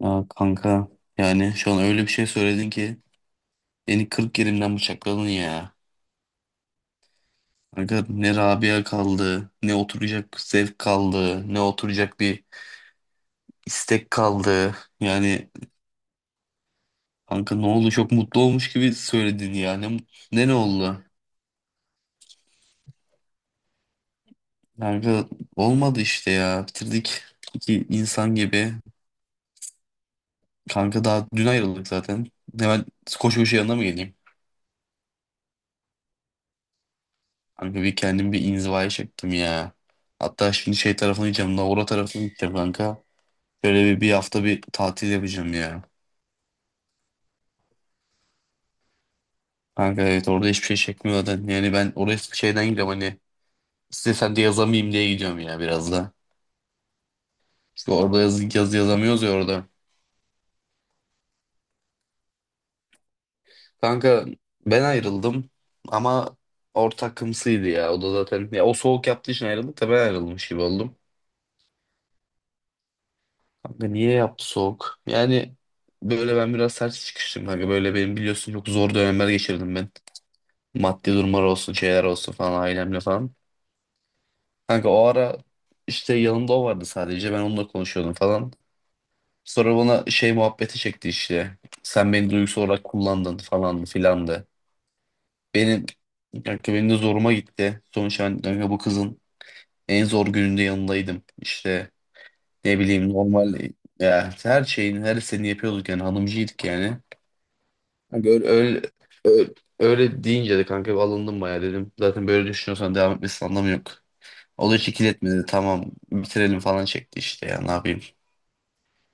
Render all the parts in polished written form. Aa, kanka yani şu an öyle bir şey söyledin ki beni 40 yerimden bıçakladın ya. Kanka ne Rabia kaldı, ne oturacak zevk kaldı, ne oturacak bir istek kaldı. Yani kanka ne oldu çok mutlu olmuş gibi söyledin ya. Ne oldu? Kanka olmadı işte ya. Bitirdik iki insan gibi. Kanka daha dün ayrıldık zaten. Hemen koşu koşu yanına mı geleyim? Kanka bir kendim bir inzivaya çektim ya. Hatta şimdi şey tarafına gideceğim. Navura tarafına gideceğim kanka. Böyle bir hafta bir tatil yapacağım ya. Kanka evet orada hiçbir şey çekmiyor zaten. Yani ben oraya şeyden gideceğim hani. İstesem de yazamayayım diye gidiyorum ya biraz da. İşte orada yazı yazamıyoruz ya orada. Kanka ben ayrıldım ama ortak kımsıydı ya. O da zaten ya o soğuk yaptığı için ayrıldık da ben ayrılmış gibi oldum. Kanka niye yaptı soğuk? Yani böyle ben biraz sert çıkıştım kanka. Böyle benim biliyorsun çok zor dönemler geçirdim ben. Maddi durumlar olsun, şeyler olsun falan ailemle falan. Kanka o ara işte yanımda o vardı sadece. Ben onunla konuşuyordum falan. Sonra bana şey muhabbeti çekti işte. Sen beni duygusal olarak kullandın falan filandı. Benim kanka benim de zoruma gitti. Sonuçta ben kanka bu kızın en zor gününde yanındaydım. İşte ne bileyim normal ya her şeyin her istediğini yapıyorduk yani hanımcıydık yani. Kanka öyle, öyle deyince de kanka bir alındım bayağı dedim. Zaten böyle düşünüyorsan devam etmesinin anlamı yok. O da hiç ikiletmedi. Tamam bitirelim falan çekti işte ya ne yapayım.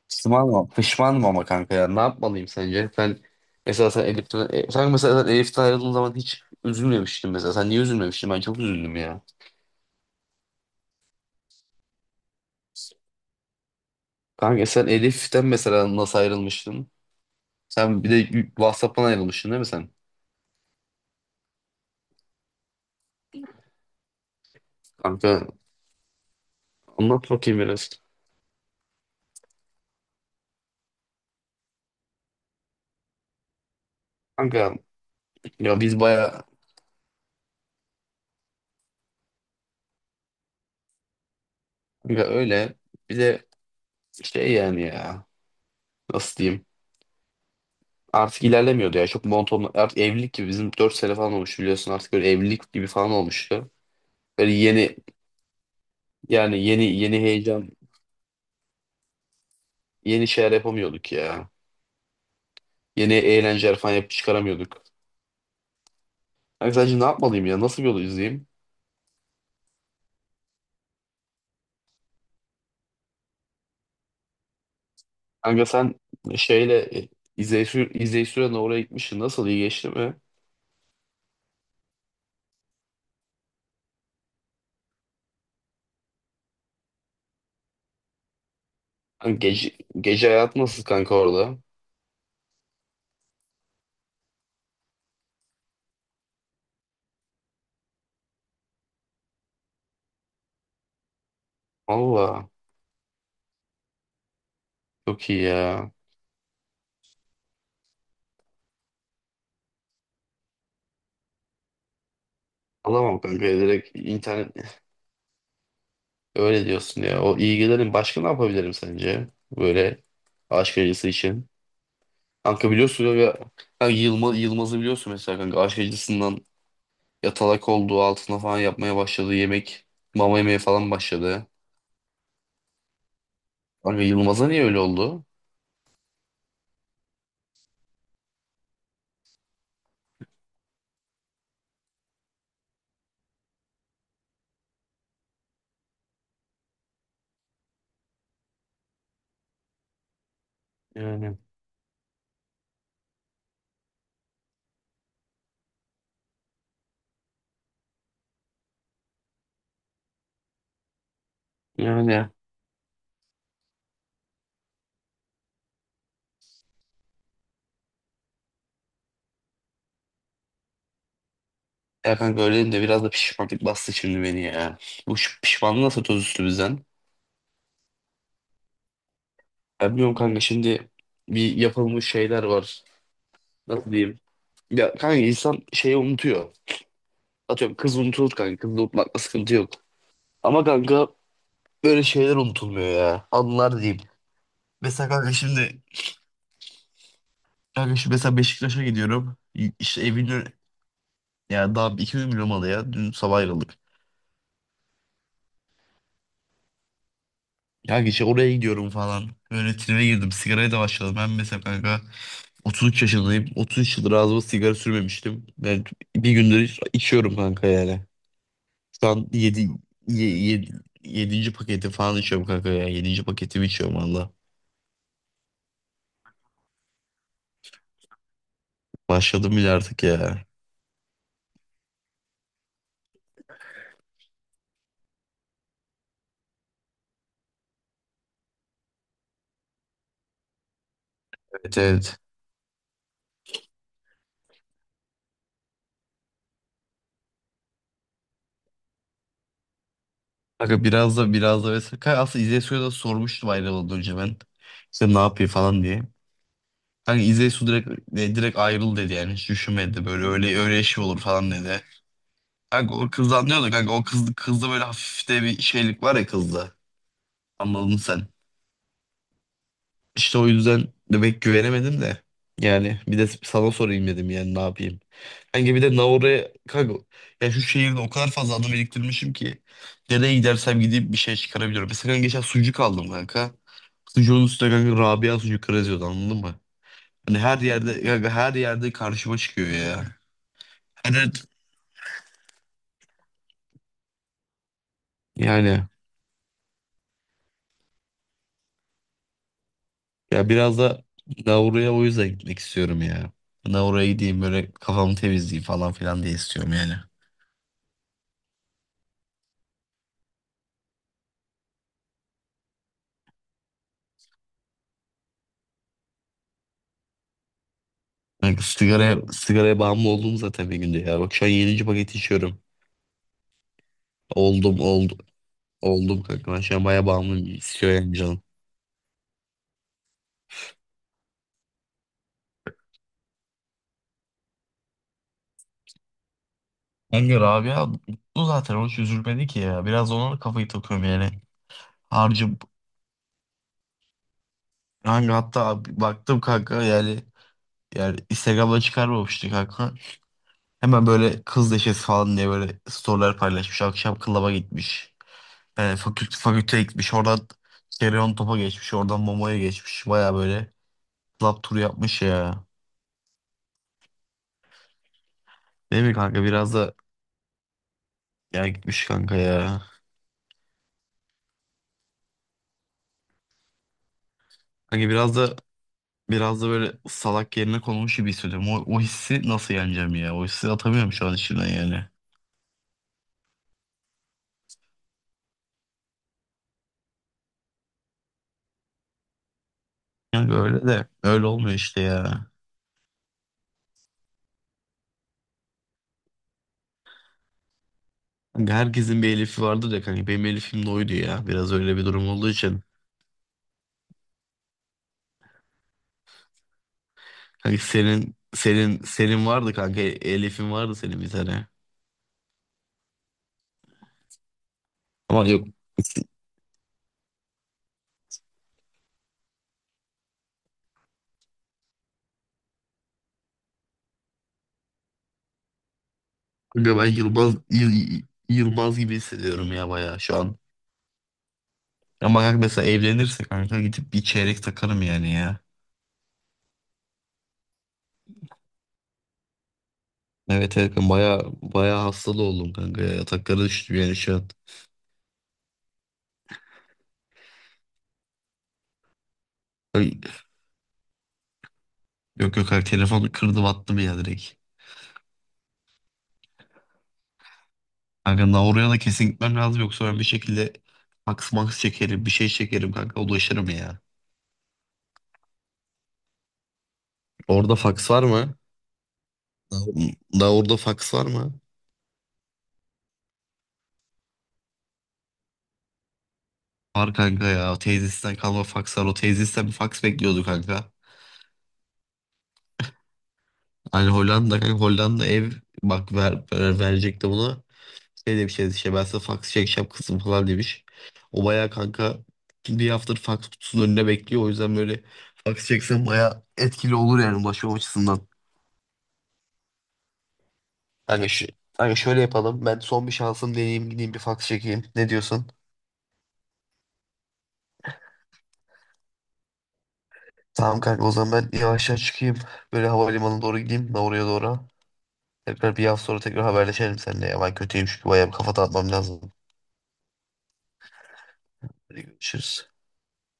Pişmanım, pişmanım ama kanka ya ne yapmalıyım sence? Sen mesela sen Elif'ten ayrıldığın zaman hiç üzülmemiştin mesela. Sen niye üzülmemiştin? Ben çok üzüldüm ya. Kanka sen Elif'ten mesela nasıl ayrılmıştın? Sen bir de WhatsApp'tan ayrılmıştın değil mi sen? Kanka anlat bakayım biraz. Kanka ya biz baya kanka öyle. Bize şey yani ya nasıl diyeyim artık ilerlemiyordu ya çok monoton artık evlilik gibi bizim 4 sene falan olmuş biliyorsun artık böyle evlilik gibi falan olmuştu. Böyle yeni yani yeni heyecan yeni şeyler yapamıyorduk ya. Yeni eğlenceler falan yapıp çıkaramıyorduk. Kanka sence ne yapmalıyım ya nasıl bir yol izleyeyim? Kanka sen şeyle izleyici sürenle oraya gitmişsin nasıl iyi geçti mi? Kanka gece hayatı nasıl kanka orada? Valla çok iyi ya. Alamam kanka direkt internet. Öyle diyorsun ya. O ilgilerin başka ne yapabilirim sence? Böyle aşk acısı için. Kanka biliyorsun ya kanka Yılmaz'ı biliyorsun mesela kanka aşk acısından yatalak olduğu altına falan yapmaya başladı. Yemek mama yemeye falan başladı. Kanka Yılmaz'a niye öyle oldu? Yani. Yani. Ya kanka öyle dedim de biraz da pişmanlık bastı şimdi beni ya. Bu şu pişmanlığı nasıl toz üstü bizden? Ya bilmiyorum kanka şimdi bir yapılmış şeyler var. Nasıl diyeyim? Ya kanka insan şeyi unutuyor. Atıyorum kız unutulur kanka. Kızı unutmakla sıkıntı yok. Ama kanka böyle şeyler unutulmuyor ya. Anılar diyeyim. Mesela kanka şimdi mesela Beşiktaş'a gidiyorum. İşte evin ön- ya daha 2 gün bile olmadı ya. Dün sabah ayrıldık. Kanka işte oraya gidiyorum falan. Böyle tribe girdim. Sigaraya da başladım. Ben mesela kanka 33 yaşındayım. 33 yıldır ağzıma sigara sürmemiştim. Ben bir gündür içiyorum kanka yani. Şu an yedi, yedinci paketi falan içiyorum kanka ya. 7. paketimi içiyorum valla. Başladım bile artık ya. Evet, evet. Kanka biraz da vesaire. Kanka aslında İzzet Su'ya da sormuştum ayrılmadan önce ben. İşte ne yapıyor falan diye. Kanka İzzet Su direkt ayrıl dedi yani. Hiç düşünmedi böyle öyle şey olur falan dedi. Kanka o kızdan diyordu kanka o kızda böyle hafif de bir şeylik var ya kızda. Anladın sen. İşte o yüzden de pek güvenemedim de. Yani bir de sana sorayım dedim yani ne yapayım. Kanka bir de Naura'ya kanka ya şu şehirde o kadar fazla anı biriktirmişim ki nereye gidersem gideyim bir şey çıkarabiliyorum. Mesela kanka geçen sucuk aldım kanka. Sucuğun üstüne kanka Rabia sucuk yazıyordu anladın mı? Hani her yerde kanka her yerde karşıma çıkıyor ya. Hani yani ya biraz da Naura'ya o yüzden gitmek istiyorum ya. Naura'ya gideyim böyle kafamı temizleyeyim falan filan diye istiyorum yani. Kanka sigaraya bağımlı oldum zaten bir günde ya. Bak şu an yedinci paket içiyorum. Oldum, oldum. Oldum kanka. Ben şu an bayağı bağımlıyım. İstiyor yani canım. Kanka Rabia mutlu zaten o hiç üzülmedi ki ya. Biraz ona da kafayı takıyorum yani. Harcı hangi hatta baktım kanka yani Instagram'da çıkarmamıştı kanka. Hemen böyle kız neşesi falan diye böyle storyler paylaşmış. Akşam klaba gitmiş. Yani fakülteye gitmiş. Oradan Kereon Top'a geçmiş. Oradan Momo'ya geçmiş. Baya böyle club turu yapmış ya. Değil mi kanka biraz da ya gitmiş kanka ya. Kanka biraz da böyle salak yerine konulmuş gibi hissediyorum. O hissi nasıl yeneceğim ya? O hissi atamıyorum şu an içimden yani. Kanka öyle de öyle olmuyor işte ya. Kanka herkesin bir Elif'i vardır ya kanka. Benim Elif'im de oydu ya. Biraz öyle bir durum olduğu için. Kanka senin vardı kanka. Elif'in vardı senin bir tane. Ama yok. Kanka ben Yılmaz gibi hissediyorum ya bayağı şu an. Ama kanka mesela evlenirse kanka gidip bir çeyrek takarım yani ya. Evet, evet ben baya baya hastalı oldum kanka ya. Yataklara düştüm yani şu an. Ay, yok, yok kanka telefonu kırdım attım ya direkt. Kanka daha oraya da kesin gitmem lazım yoksa ben bir şekilde fax max çekerim bir şey çekerim kanka ulaşırım ya. Orada fax var mı? Daha, daha orada fax var mı? Var kanka ya teyzesinden kalma fax var o teyzesinden bir fax bekliyordu kanka. Hani Hollanda kanka Hollanda ev bak verecekti bunu. Şey demiş yani işte ben size fax çekeceğim kızım falan demiş. O bayağı kanka bir haftadır fax kutusunun önünde bekliyor. O yüzden böyle fax çeksen bayağı etkili olur yani ulaşma açısından. Kanka, şu, kanka şöyle yapalım. Ben son bir şansım deneyeyim gideyim bir fax çekeyim. Ne diyorsun? Tamam kanka o zaman ben yavaştan çıkayım. Böyle havalimanına doğru gideyim. Ben oraya doğru. Tekrar bir hafta sonra tekrar haberleşelim seninle. Ya. Ben kötüyüm çünkü bayağı bir kafa dağıtmam lazım. Hadi görüşürüz.